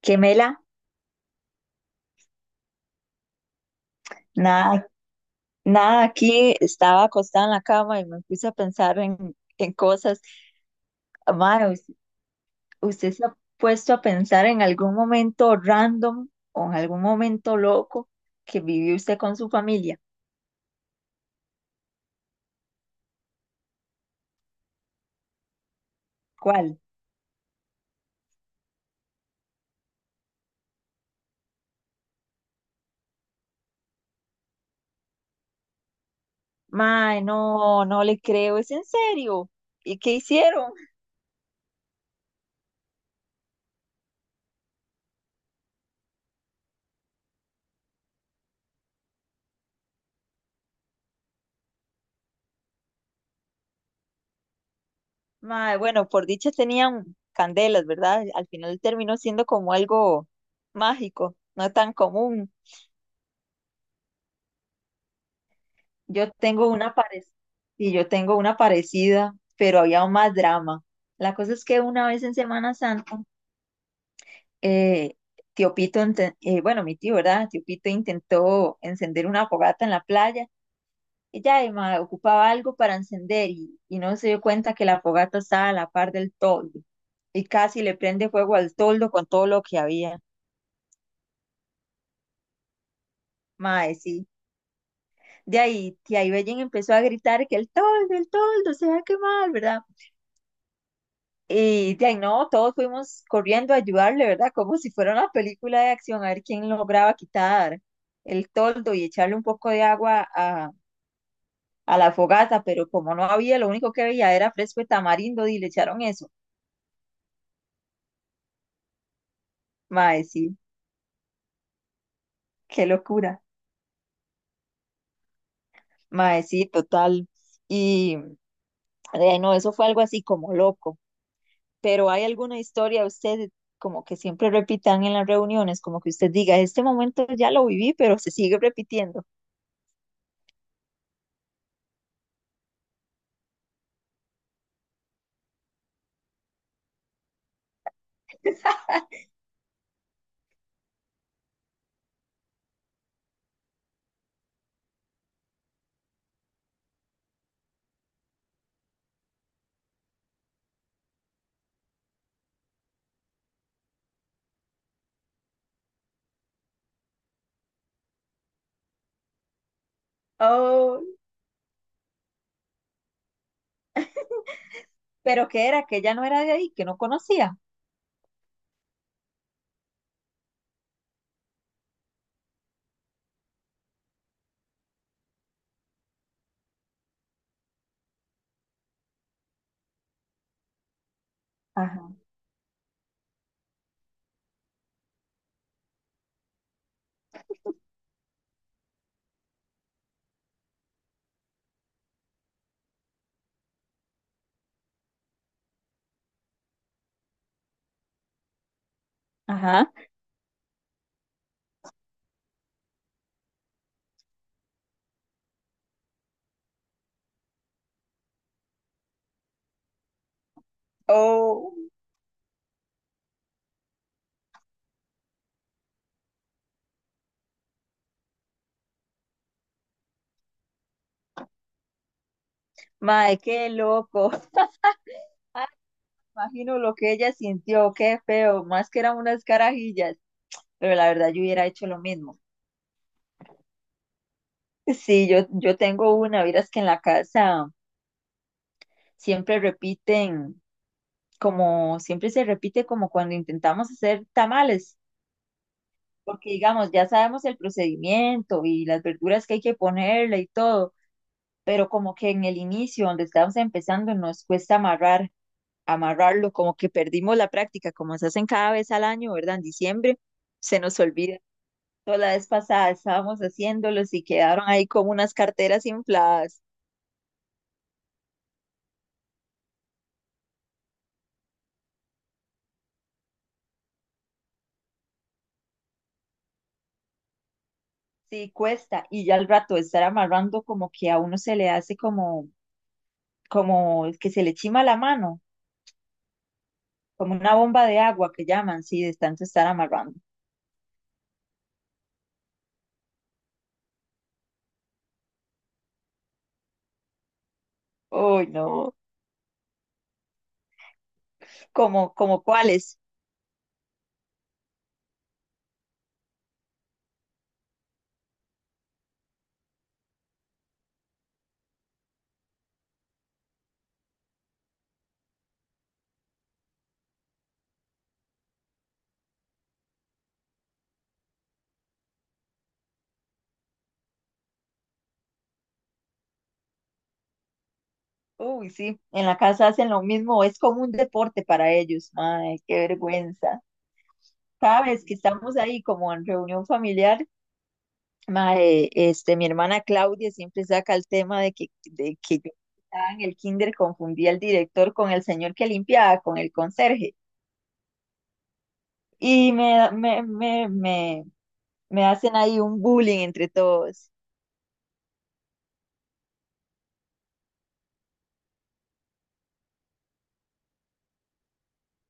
Qué mela, nada, nada aquí, estaba acostada en la cama y me puse a pensar en cosas. Mae, ¿usted se ha puesto a pensar en algún momento random o en algún momento loco que vivió usted con su familia? ¿Cuál? Mae, no, no le creo, es en serio. ¿Y qué hicieron? Mae, bueno, por dicha tenían candelas, ¿verdad? Al final terminó siendo como algo mágico, no tan común. Yo tengo una parecida, y yo tengo una parecida, pero había más drama. La cosa es que una vez en Semana Santa, eh, tío Pito, bueno, mi tío, ¿verdad? Tío Pito intentó encender una fogata en la playa. Ella además ocupaba algo para encender y no se dio cuenta que la fogata estaba a la par del toldo y casi le prende fuego al toldo con todo lo que había. Mae, sí. De ahí, tía Ibellen empezó a gritar que el toldo se va a quemar, ¿verdad? Y de ahí no, todos fuimos corriendo a ayudarle, ¿verdad? Como si fuera una película de acción, a ver quién lograba quitar el toldo y echarle un poco de agua a la fogata, pero como no había, lo único que veía era fresco de tamarindo y le echaron eso. Mae, sí, qué locura. Mae, sí, total. Y de ahí no, eso fue algo así como loco. Pero ¿hay alguna historia usted como que siempre repitan en las reuniones, como que usted diga, este momento ya lo viví, pero se sigue repitiendo? Ay, pero que era que ella no era de ahí, que no conocía. Ajá. Ajá. Oh, mae, qué loco. Imagino lo que ella sintió, qué feo, más que eran unas carajillas, pero la verdad yo hubiera hecho lo mismo. Sí, yo tengo una, verás que en la casa siempre repiten, como siempre se repite como cuando intentamos hacer tamales, porque digamos, ya sabemos el procedimiento y las verduras que hay que ponerle y todo, pero como que en el inicio, donde estamos empezando, nos cuesta amarrarlo, como que perdimos la práctica, como se hacen cada vez al año, ¿verdad? En diciembre se nos olvida. Toda la vez pasada estábamos haciéndolos y quedaron ahí como unas carteras infladas. Sí, cuesta. Y ya al rato de estar amarrando, como que a uno se le hace como que se le chima la mano, como una bomba de agua que llaman, sí, de tanto estar amarrando. Uy, no. Como, como cuáles. Uy, sí, en la casa hacen lo mismo, es como un deporte para ellos. Ay, qué vergüenza. Sabes que estamos ahí como en reunión familiar, mae, este, mi hermana Claudia siempre saca el tema de que yo estaba en el kinder confundía al director con el señor que limpiaba, con el conserje. Y me hacen ahí un bullying entre todos.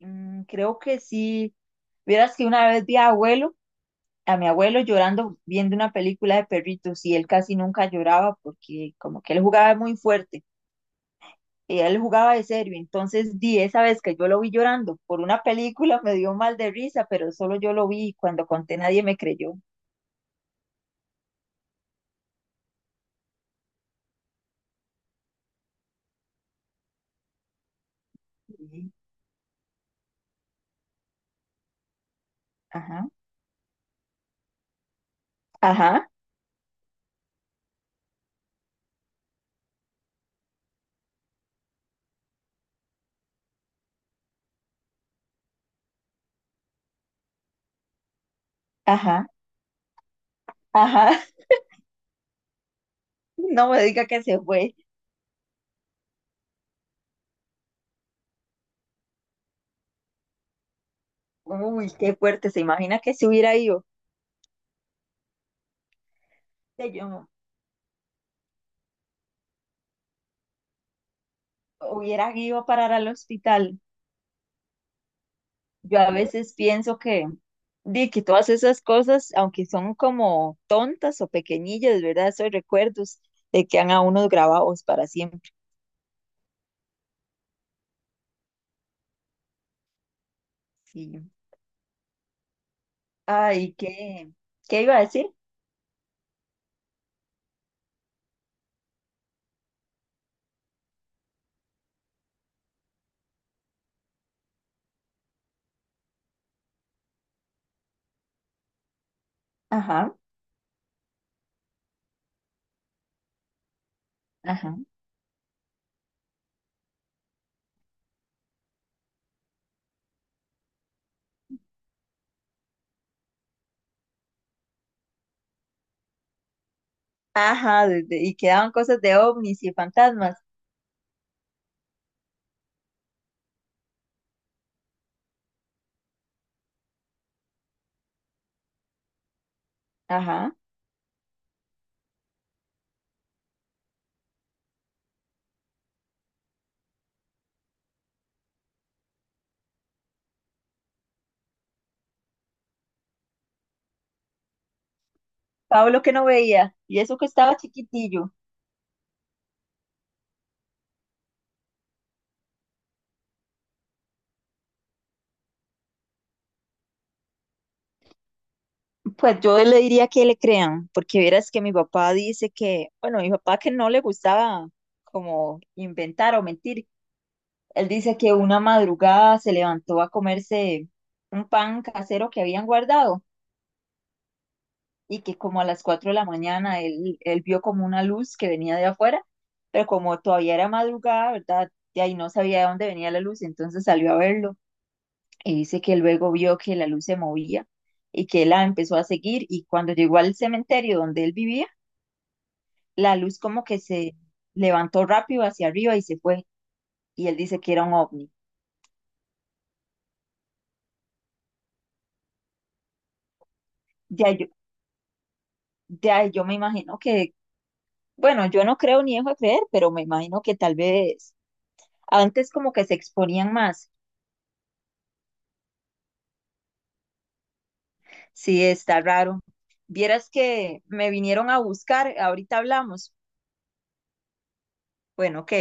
Mm, creo que sí. Vieras que una vez vi a a mi abuelo llorando viendo una película de perritos y él casi nunca lloraba porque como que él jugaba muy fuerte. Y él jugaba de serio. Entonces, di esa vez que yo lo vi llorando por una película, me dio mal de risa, pero solo yo lo vi y cuando conté nadie me creyó. Y, ajá, ajá, ajá, ajá. No me diga que se fue. Uy, qué fuerte. ¿Se imagina que si hubiera ido? Que yo hubiera ido a parar al hospital. Yo a veces pienso que, di que todas esas cosas, aunque son como tontas o pequeñillas, ¿verdad? Esos recuerdos de que han a unos grabados para siempre. Sí. Ay, ¿qué? ¿Qué iba a decir? Ajá, ajá, Ajá, de- y quedaban cosas de ovnis y fantasmas. Ajá. Pablo que no veía, y eso que estaba chiquitillo. Pues yo le diría que le crean, porque verás que mi papá dice que, bueno, mi papá que no le gustaba como inventar o mentir. Él dice que una madrugada se levantó a comerse un pan casero que habían guardado, y que como a las 4 de la mañana él vio como una luz que venía de afuera, pero como todavía era madrugada, ¿verdad? De ahí no sabía de dónde venía la luz, entonces salió a verlo y dice que luego vio que la luz se movía y que él la empezó a seguir y cuando llegó al cementerio donde él vivía, la luz como que se levantó rápido hacia arriba y se fue, y él dice que era un ovni. De ahí yo, de ahí yo me imagino que, bueno, yo no creo ni dejo de creer, pero me imagino que tal vez antes como que se exponían más. Sí, está raro. Vieras que me vinieron a buscar, ahorita hablamos. Bueno, ok.